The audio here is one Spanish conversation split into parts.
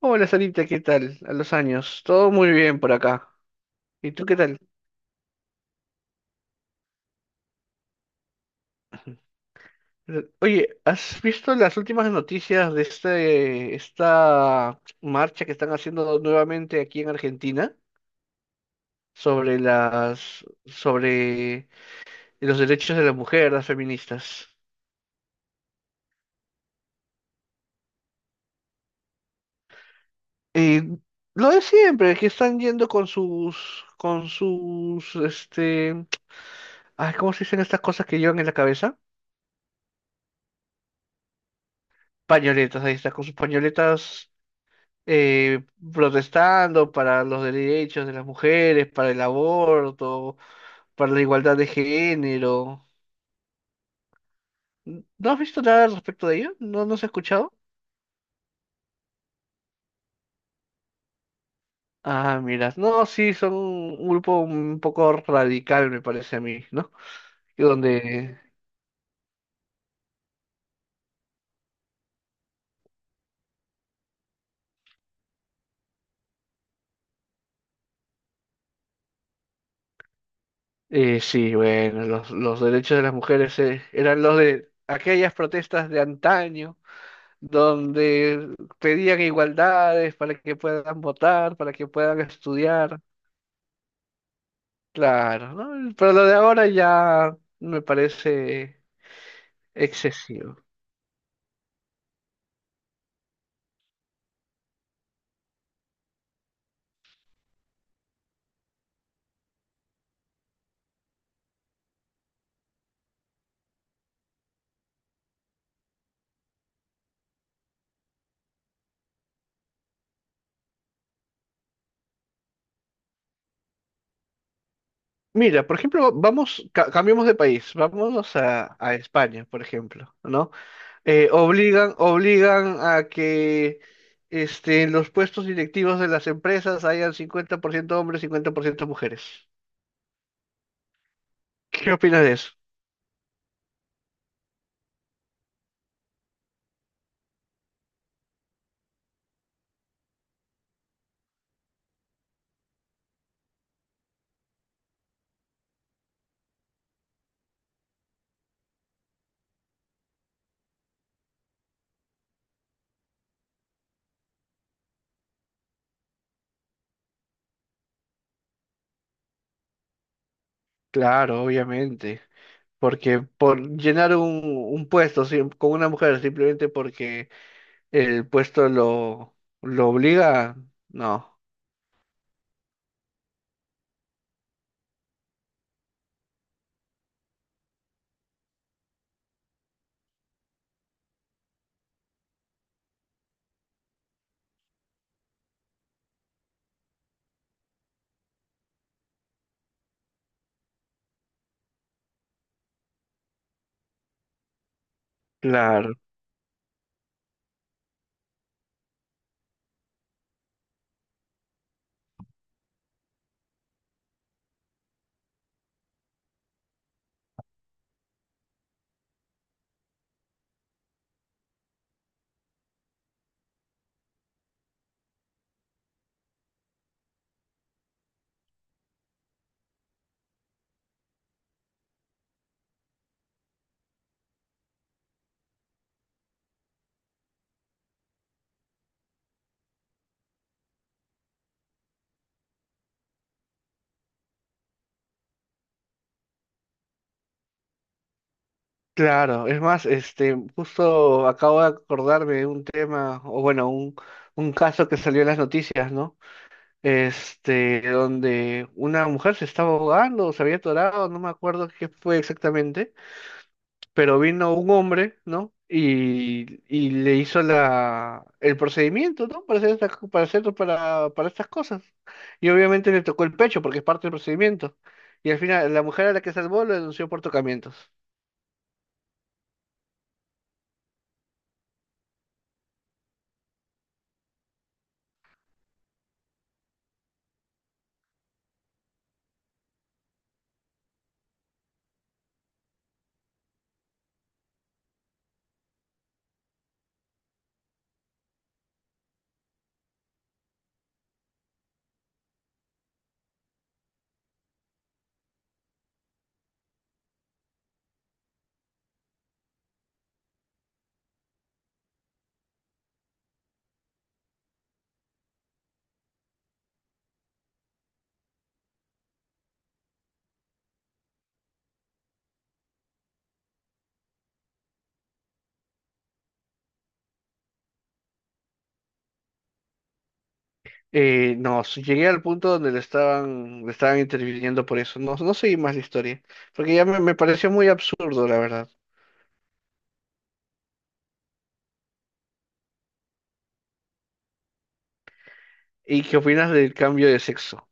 Hola Sarita, ¿qué tal? A los años. Todo muy bien por acá. ¿Y tú qué tal? Oye, ¿has visto las últimas noticias de esta marcha que están haciendo nuevamente aquí en Argentina sobre los derechos de la mujer, las feministas? Eh, lo de siempre, que están yendo con sus, ay, ¿cómo se dicen estas cosas que llevan en la cabeza? Pañoletas, ahí está, con sus pañoletas eh, protestando para los derechos de las mujeres, para el aborto, para la igualdad de género. ¿No has visto nada al respecto de ello? No se ha escuchado? Ah, mira, no, sí, son un grupo un poco radical, me parece a mí, ¿no? Y donde, sí, bueno, los derechos de las mujeres eran los de aquellas protestas de antaño, donde pedían igualdades para que puedan votar, para que puedan estudiar. Claro, ¿no? Pero lo de ahora ya me parece excesivo. Mira, por ejemplo, vamos, cambiemos de país, vámonos a España, por ejemplo, ¿no? Obligan a que en los puestos directivos de las empresas hayan 50% hombres, 50% mujeres. ¿Qué opinas de eso? Claro, obviamente, porque por llenar un puesto con una mujer simplemente porque el puesto lo obliga. No, claro, claro. Es más, este, justo acabo de acordarme de un tema, o bueno, un caso que salió en las noticias, ¿no? Este, donde una mujer se estaba ahogando, se había atorado, no me acuerdo qué fue exactamente. Pero vino un hombre, ¿no? Y le hizo el procedimiento, ¿no? Para hacer, para estas cosas. Y obviamente le tocó el pecho porque es parte del procedimiento. Y al final, la mujer a la que salvó lo denunció por tocamientos. No, s- Llegué al punto donde le estaban interviniendo por eso. No, no seguí más la historia, porque ya me pareció muy absurdo, la verdad. ¿Y qué opinas del cambio de sexo?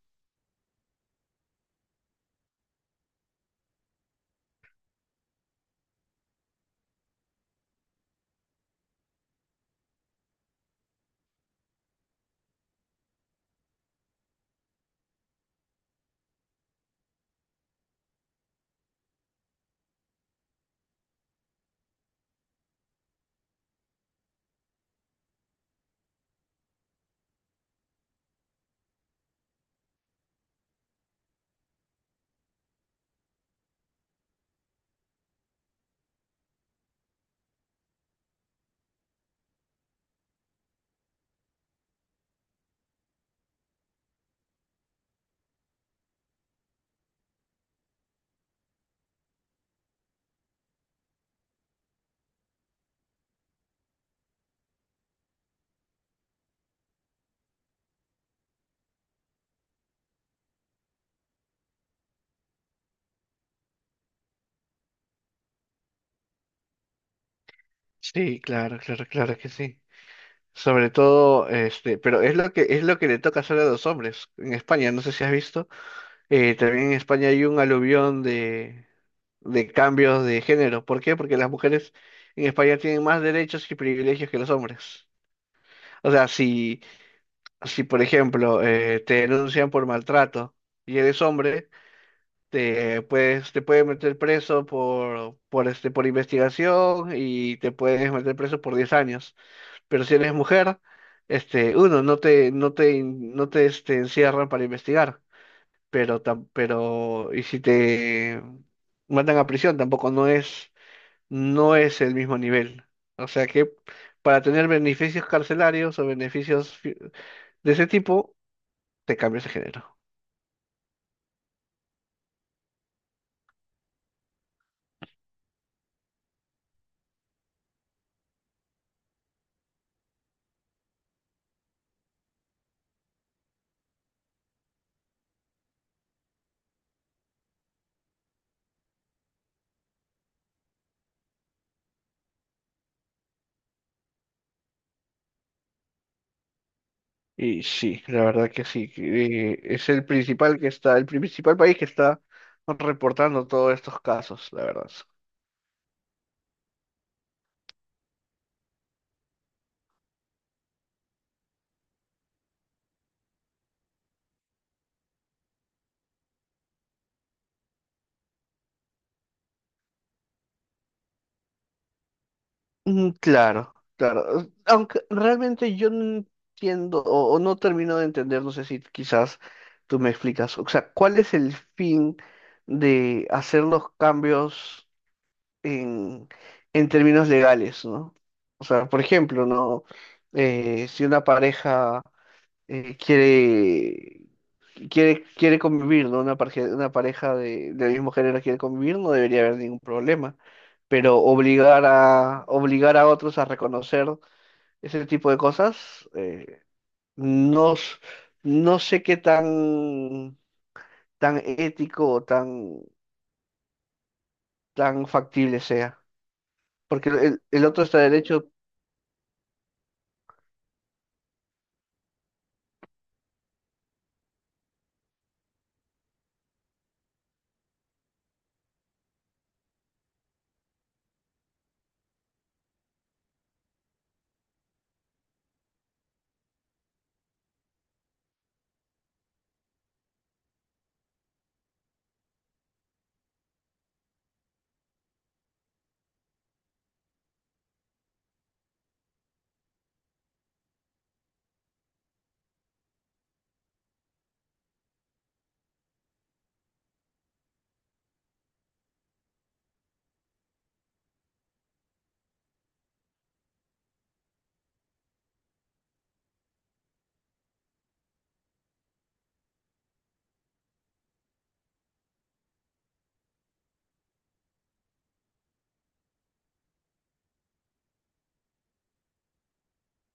Sí, claro, claro, claro que sí. Sobre todo, este, pero es lo que le toca hacer a los hombres en España. No sé si has visto. También en España hay un aluvión de cambios de género. ¿Por qué? Porque las mujeres en España tienen más derechos y privilegios que los hombres. O sea, si por ejemplo, te denuncian por maltrato y eres hombre, te pueden meter preso por investigación y te puedes meter preso por 10 años, pero si eres mujer, este, uno, no te, no te, no te, este, encierran para investigar, pero, si te mandan a prisión, tampoco no es el mismo nivel. O sea que para tener beneficios carcelarios o beneficios de ese tipo, te cambias de género. Y sí, la verdad que sí, que, es el principal país que está reportando todos estos casos, la verdad. Mm, claro, claro. Aunque realmente yo no entiendo o no termino de entender, no sé si quizás tú me explicas, o sea, ¿cuál es el fin de hacer los cambios en, en términos legales, ¿no? O sea, por ejemplo, ¿no? Si una pareja eh, quiere quiere convivir, ¿no? Una pareja del mismo género quiere convivir, no debería haber ningún problema. Pero obligar a otros a reconocer ese tipo de cosas, no, s- no sé tan ético tan factible sea. Porque el otro está derecho.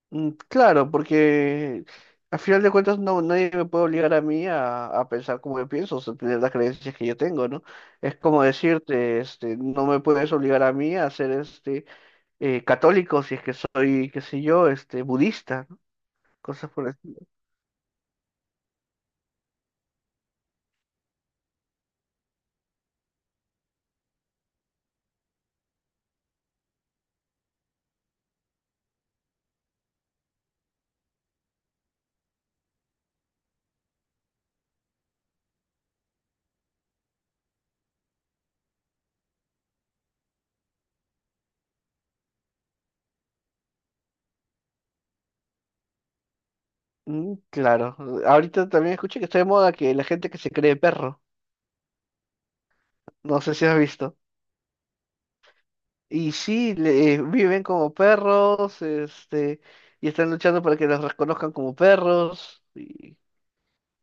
Mm, claro, porque al final de cuentas nadie me puede obligar a mí a pensar como yo pienso, o sea, tener las creencias que yo tengo, ¿no? Es como decirte, este, no me puedes obligar a mí a ser católico si es que soy, qué sé yo, este budista, ¿no? Cosas por el estilo. Mm, claro. Ahorita también escuché que está de moda que la gente que se cree perro, no sé si has visto. Y sí, viven como perros, este, y están luchando para que los reconozcan como perros.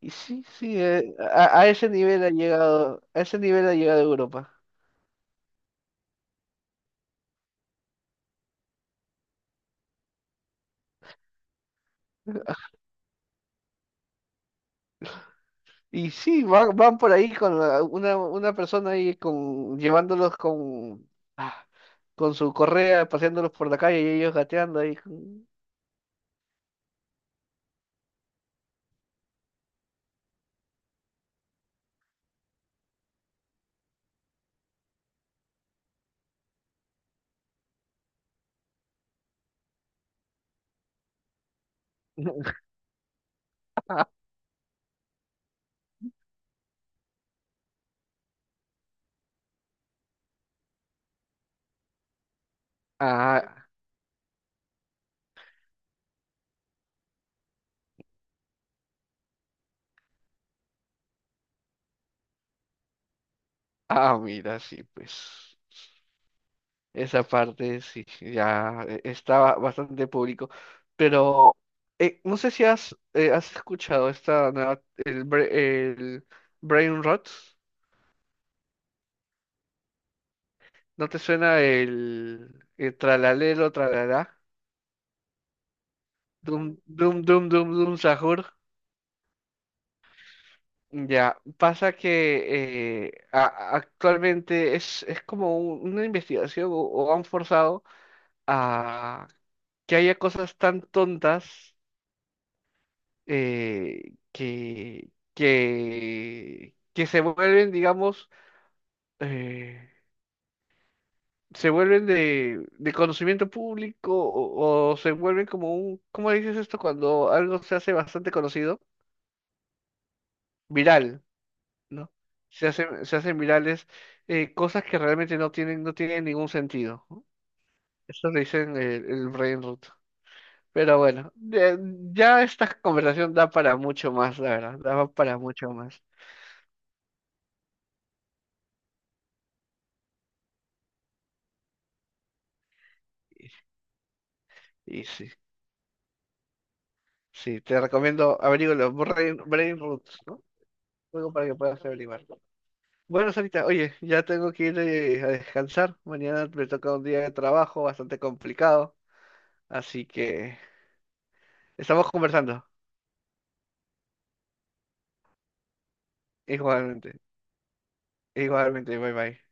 Y sí, sí, a ese nivel ha llegado, a ese nivel ha llegado Europa. Y sí, van, van por ahí con una persona ahí con, llevándolos ah, con su correa, paseándolos por la calle y ellos gateando ahí. Ah, ah, mira, sí, pues esa parte sí, ya estaba bastante público. Pero no sé si has escuchado esta nueva, el Brain Rot. ¿No te suena el tralalero, tralalá? Dum, dum, dum, dum, dum, sahur. Ya, pasa que actualmente es como una investigación o han forzado a que haya cosas tan tontas eh, que, que se vuelven, digamos, eh, se vuelven de conocimiento público o se vuelven como un, ¿cómo dices esto? Cuando algo se hace bastante conocido, viral, ¿no? Se hacen virales cosas que realmente no tienen, no tienen ningún sentido. ¿No? Eso le dicen el brain rot. Pero bueno, ya esta conversación da para mucho más, la verdad, da para mucho más. Y, y sí, sí, te recomiendo averígualo, brain rot, ¿no? Algo para que puedas averiguar. Bueno, Sarita, oye, ya tengo que ir a descansar. Mañana me toca un día de trabajo bastante complicado, así que estamos conversando. Igualmente, igualmente, bye bye.